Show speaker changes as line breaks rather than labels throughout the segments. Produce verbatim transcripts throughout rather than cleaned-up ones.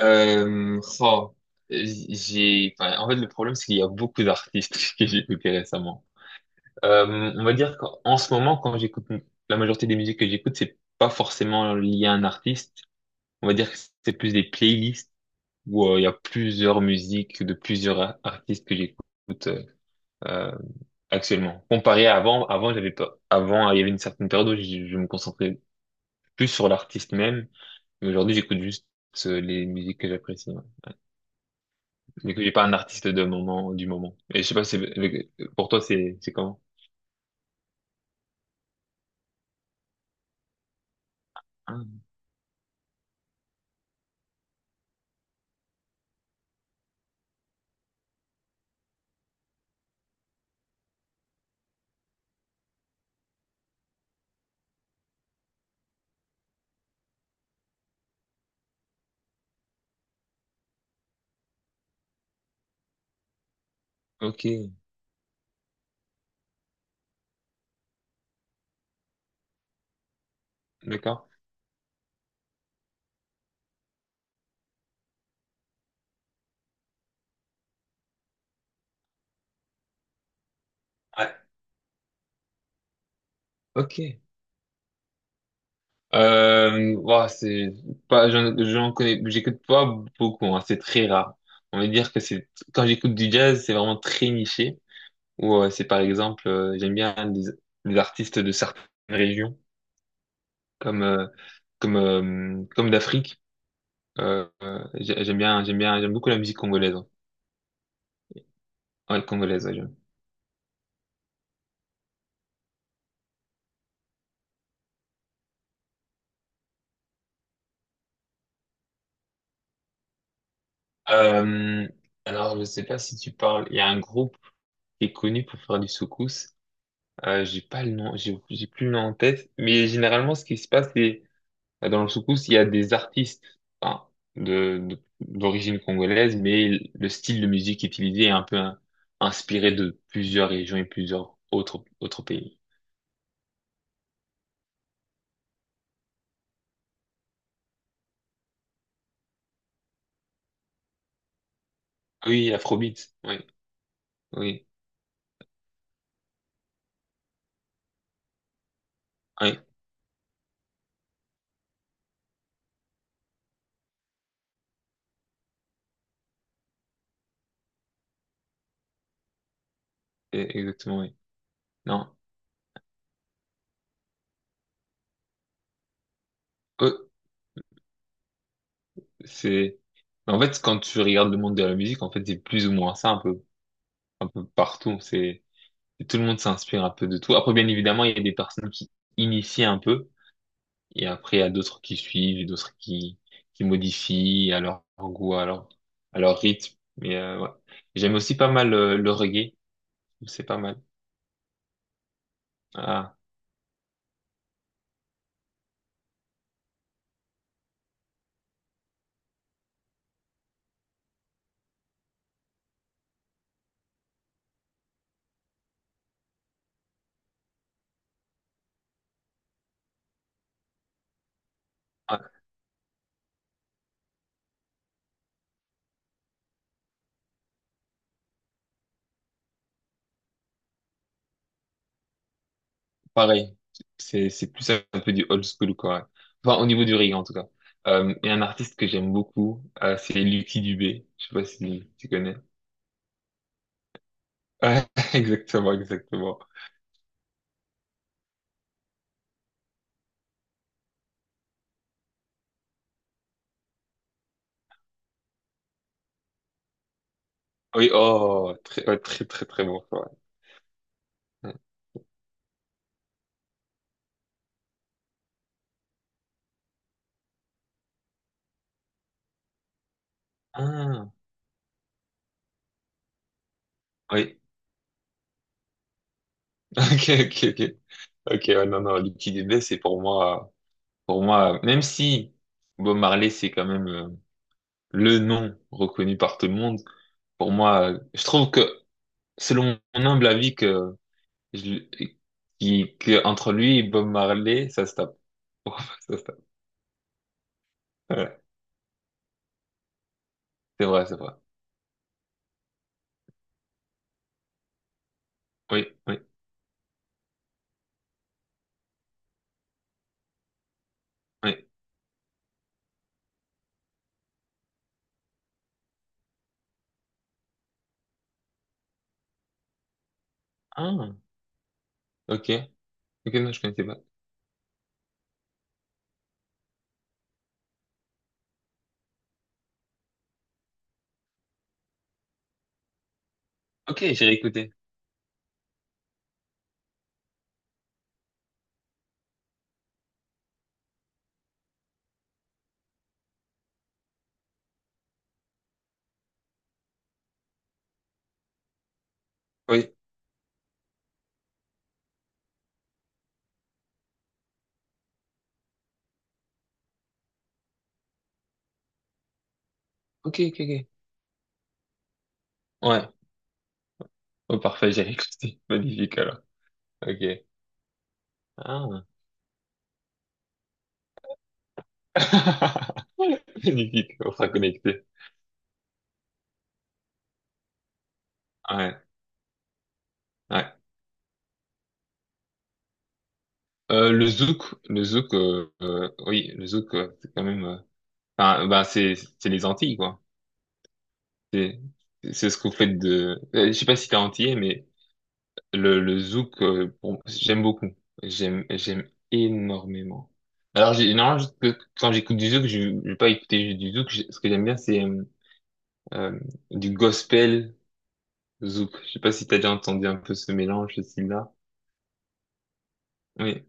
Euh, oh, j'ai, enfin, en fait, le problème, c'est qu'il y a beaucoup d'artistes que j'ai écoutés récemment. Euh, on va dire qu'en ce moment, quand j'écoute la majorité des musiques que j'écoute, c'est pas forcément lié à un artiste. On va dire que c'est plus des playlists où euh, il y a plusieurs musiques de plusieurs a- artistes que j'écoute euh, euh, actuellement. Comparé à avant, avant, j'avais pas, avant, il y avait une certaine période où je, je me concentrais plus sur l'artiste même. Mais aujourd'hui, j'écoute juste euh, les musiques que j'apprécie. Ouais. Du coup, j'ai pas un artiste de moment, du moment. Et je sais pas, c'est, avec- pour toi, c'est, c'est comment? Ah, ok, d'accord. Ouais. Ok. Euh, ouah, c'est pas, j'en, j'en connais, j'écoute pas beaucoup, hein, c'est très rare. On va dire que c'est, quand j'écoute du jazz, c'est vraiment très niché. Ou euh, c'est par exemple, euh, j'aime bien des, des artistes de certaines régions, comme, euh, comme, euh, comme d'Afrique. Euh, euh, j'ai- j'aime bien, j'aime bien, j'aime beaucoup la musique congolaise, hein. Ah, elle congolaise, ouais, je- Euh, alors, je sais pas si tu parles. Il y a un groupe qui est connu pour faire du soukous. Euh, j'ai pas le nom, j'ai j'ai plus le nom en tête. Mais généralement, ce qui se passe, c'est dans le soukous. Il y a des artistes, enfin, de, de- d'origine congolaise, mais le style de musique utilisé est un peu in- inspiré de plusieurs régions et plusieurs autres, autres pays. Ah oui, Afrobeat, oui, oui, oui, e- exactement, oui. Non, eux, c'est... En fait, quand tu regardes le monde de la musique, en fait, c'est plus ou moins ça, un peu, un peu partout. C'est, tout le monde s'inspire un peu de tout. Après, bien évidemment, il y a des personnes qui initient un peu, et après, il y a d'autres qui suivent, et d'autres qui, qui modifient à leur goût, à leur, à leur rythme. Mais euh, ouais. J'aime aussi pas mal euh, le reggae. C'est pas mal. Ah, ah, pareil. C'est, c'est plus un peu du old school, quoi. Enfin, au niveau du reggae, en tout cas. Euh, et un artiste que j'aime beaucoup, euh, c'est Lucky Dubé. Je sais pas si tu connais. Ouais, exactement, exactement. Oui, oh, très, ouais, très, très, très bon choix. Ah, oui, ok, ok, ok. Ok, ouais, non, non, Lucky Dubé, c'est pour moi. Pour moi, même si Bob Marley, c'est quand même euh, le nom reconnu par tout le monde, pour moi, euh, je trouve que, selon mon humble avis, que, je, qui- que entre lui et Bob Marley, ça se tape. Ça se tape. Voilà. C'est vrai, c'est vrai. Oui, oui, oui. Ah, ok. Ok, non, je connaissais pas. Ok, j'ai réécouté. Oui. Ok, ok, ok. Ouais. Oh, parfait, j'ai réécouté. Magnifique, alors. Ok. Ah. Magnifique, on sera connecté. Ouais, ouais. Euh, le zouk, le zouk, euh, euh, oui, le zouk, euh, c'est quand même, euh, enfin, bah, c'est, c'est les Antilles, quoi. C'est, c'est ce que vous faites de, euh, je sais pas si t'es antillais, mais le, le zouk, euh, bon, j'aime beaucoup. J'aime, j'aime énormément. Alors, j'ai, non, quand j'écoute du zouk, je, je vais pas écouter juste du zouk. Je- Ce que j'aime bien, c'est euh, euh, du gospel zouk. Je sais pas si t'as déjà entendu un peu ce mélange, ce style-là. Oui.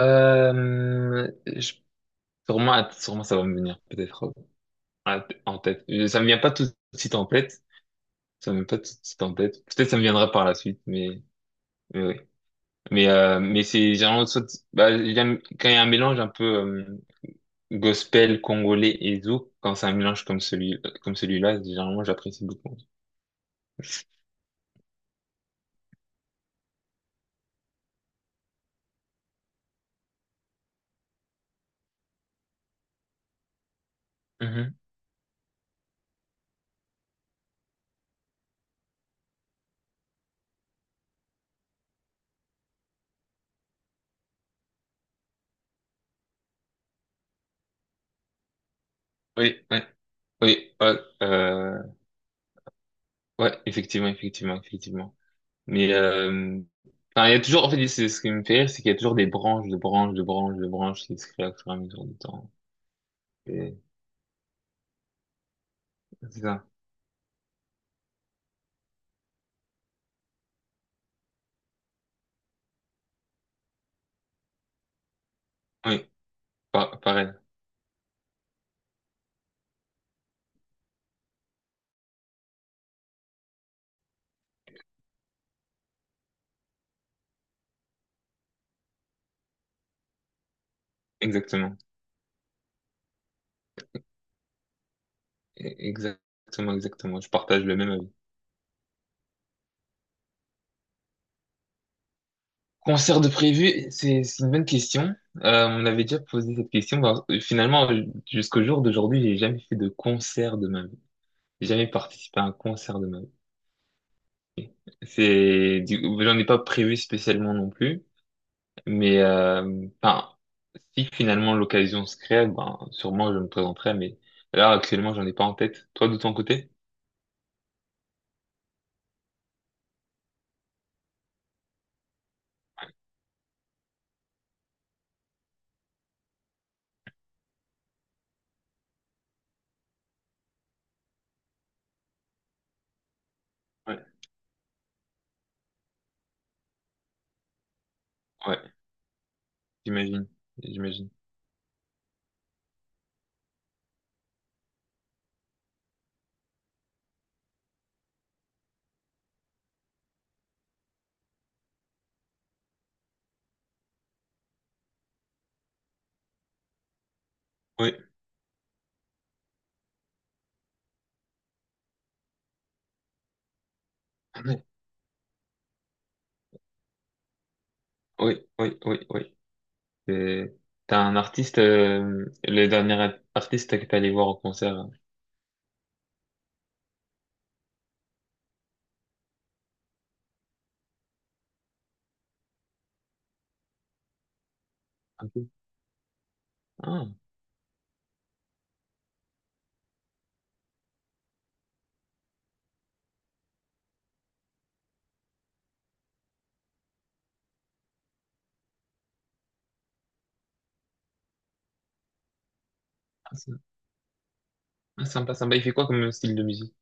Euh, je, sûrement, sûrement ça va me venir, peut-être, à- en tête. Euh, Ça me vient pas tout de suite en tête. Ça me vient pas tout de suite en tête. Peut-être ça me viendra par la suite, mais mais oui. Mais euh, mais c'est généralement soit bah, j'aime quand il y a un mélange un peu euh, gospel congolais et zouk. Quand c'est un mélange comme celui euh, comme celui-là, généralement j'apprécie beaucoup. Mhm. Oui, ouais, oui, ouais, euh, ouais, effectivement, effectivement, effectivement. Mais euh, enfin, il y a toujours en fait c'est ce qui me fait rire, c'est qu'il y a toujours des branches, de branches, de branches, de branches qui se créent au fur et à mesure du temps. Et- C'est ça. Oui. Pa- pareil, exactement. E- Exactement, exactement. Je partage le même avis. Concert de prévu, c'est c'est une bonne question. Euh, on avait déjà posé cette question. Bah, finalement, jusqu'au jour d'aujourd'hui, j'ai jamais fait de concert de ma vie. J'ai jamais participé à un concert de ma vie. C'est, du- j'en ai pas prévu spécialement non plus. Mais, euh, enfin, si finalement l'occasion se crée, ben, sûrement je me présenterai. Mais là, actuellement, j'en ai pas en tête. Toi, de ton côté? Ouais, ouais, j'imagine, j'imagine. Oui. Oui, oui, oui, oui. Euh, t'as un artiste, euh, le dernier artiste que t'es allé voir au concert, euh, un peu. Ah, ah, sy- ah, sympa, sympa. Il fait quoi comme style de musique?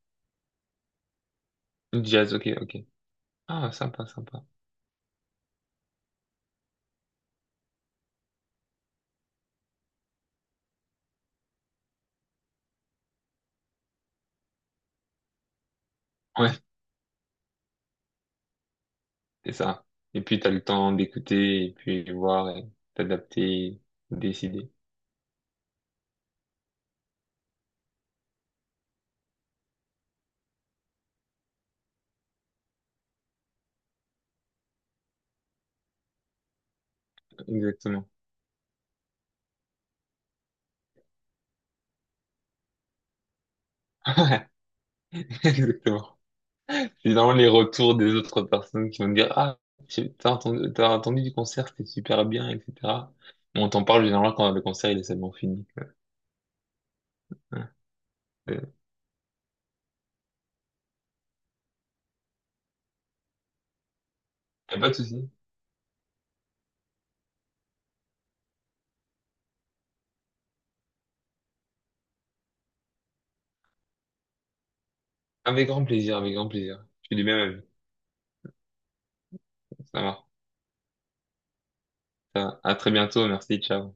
Jazz, ok, ok. Ah, sympa, sympa. Ouais, c'est ça. Et puis t'as le temps d'écouter, et puis de voir, et t'adapter, décider. Exactement. Ouais, exactement. C'est vraiment les retours des autres personnes qui vont me dire, ah, tu- t'as entendu, t'as entendu du concert, c'était super bien, et cetera. Mais on t'en parle généralement quand le concert il est seulement fini. Ouais. Y a pas de souci. Avec grand plaisir, avec grand plaisir. Je suis du même avis. Ça marche. Ça va. À très bientôt. Merci. Ciao.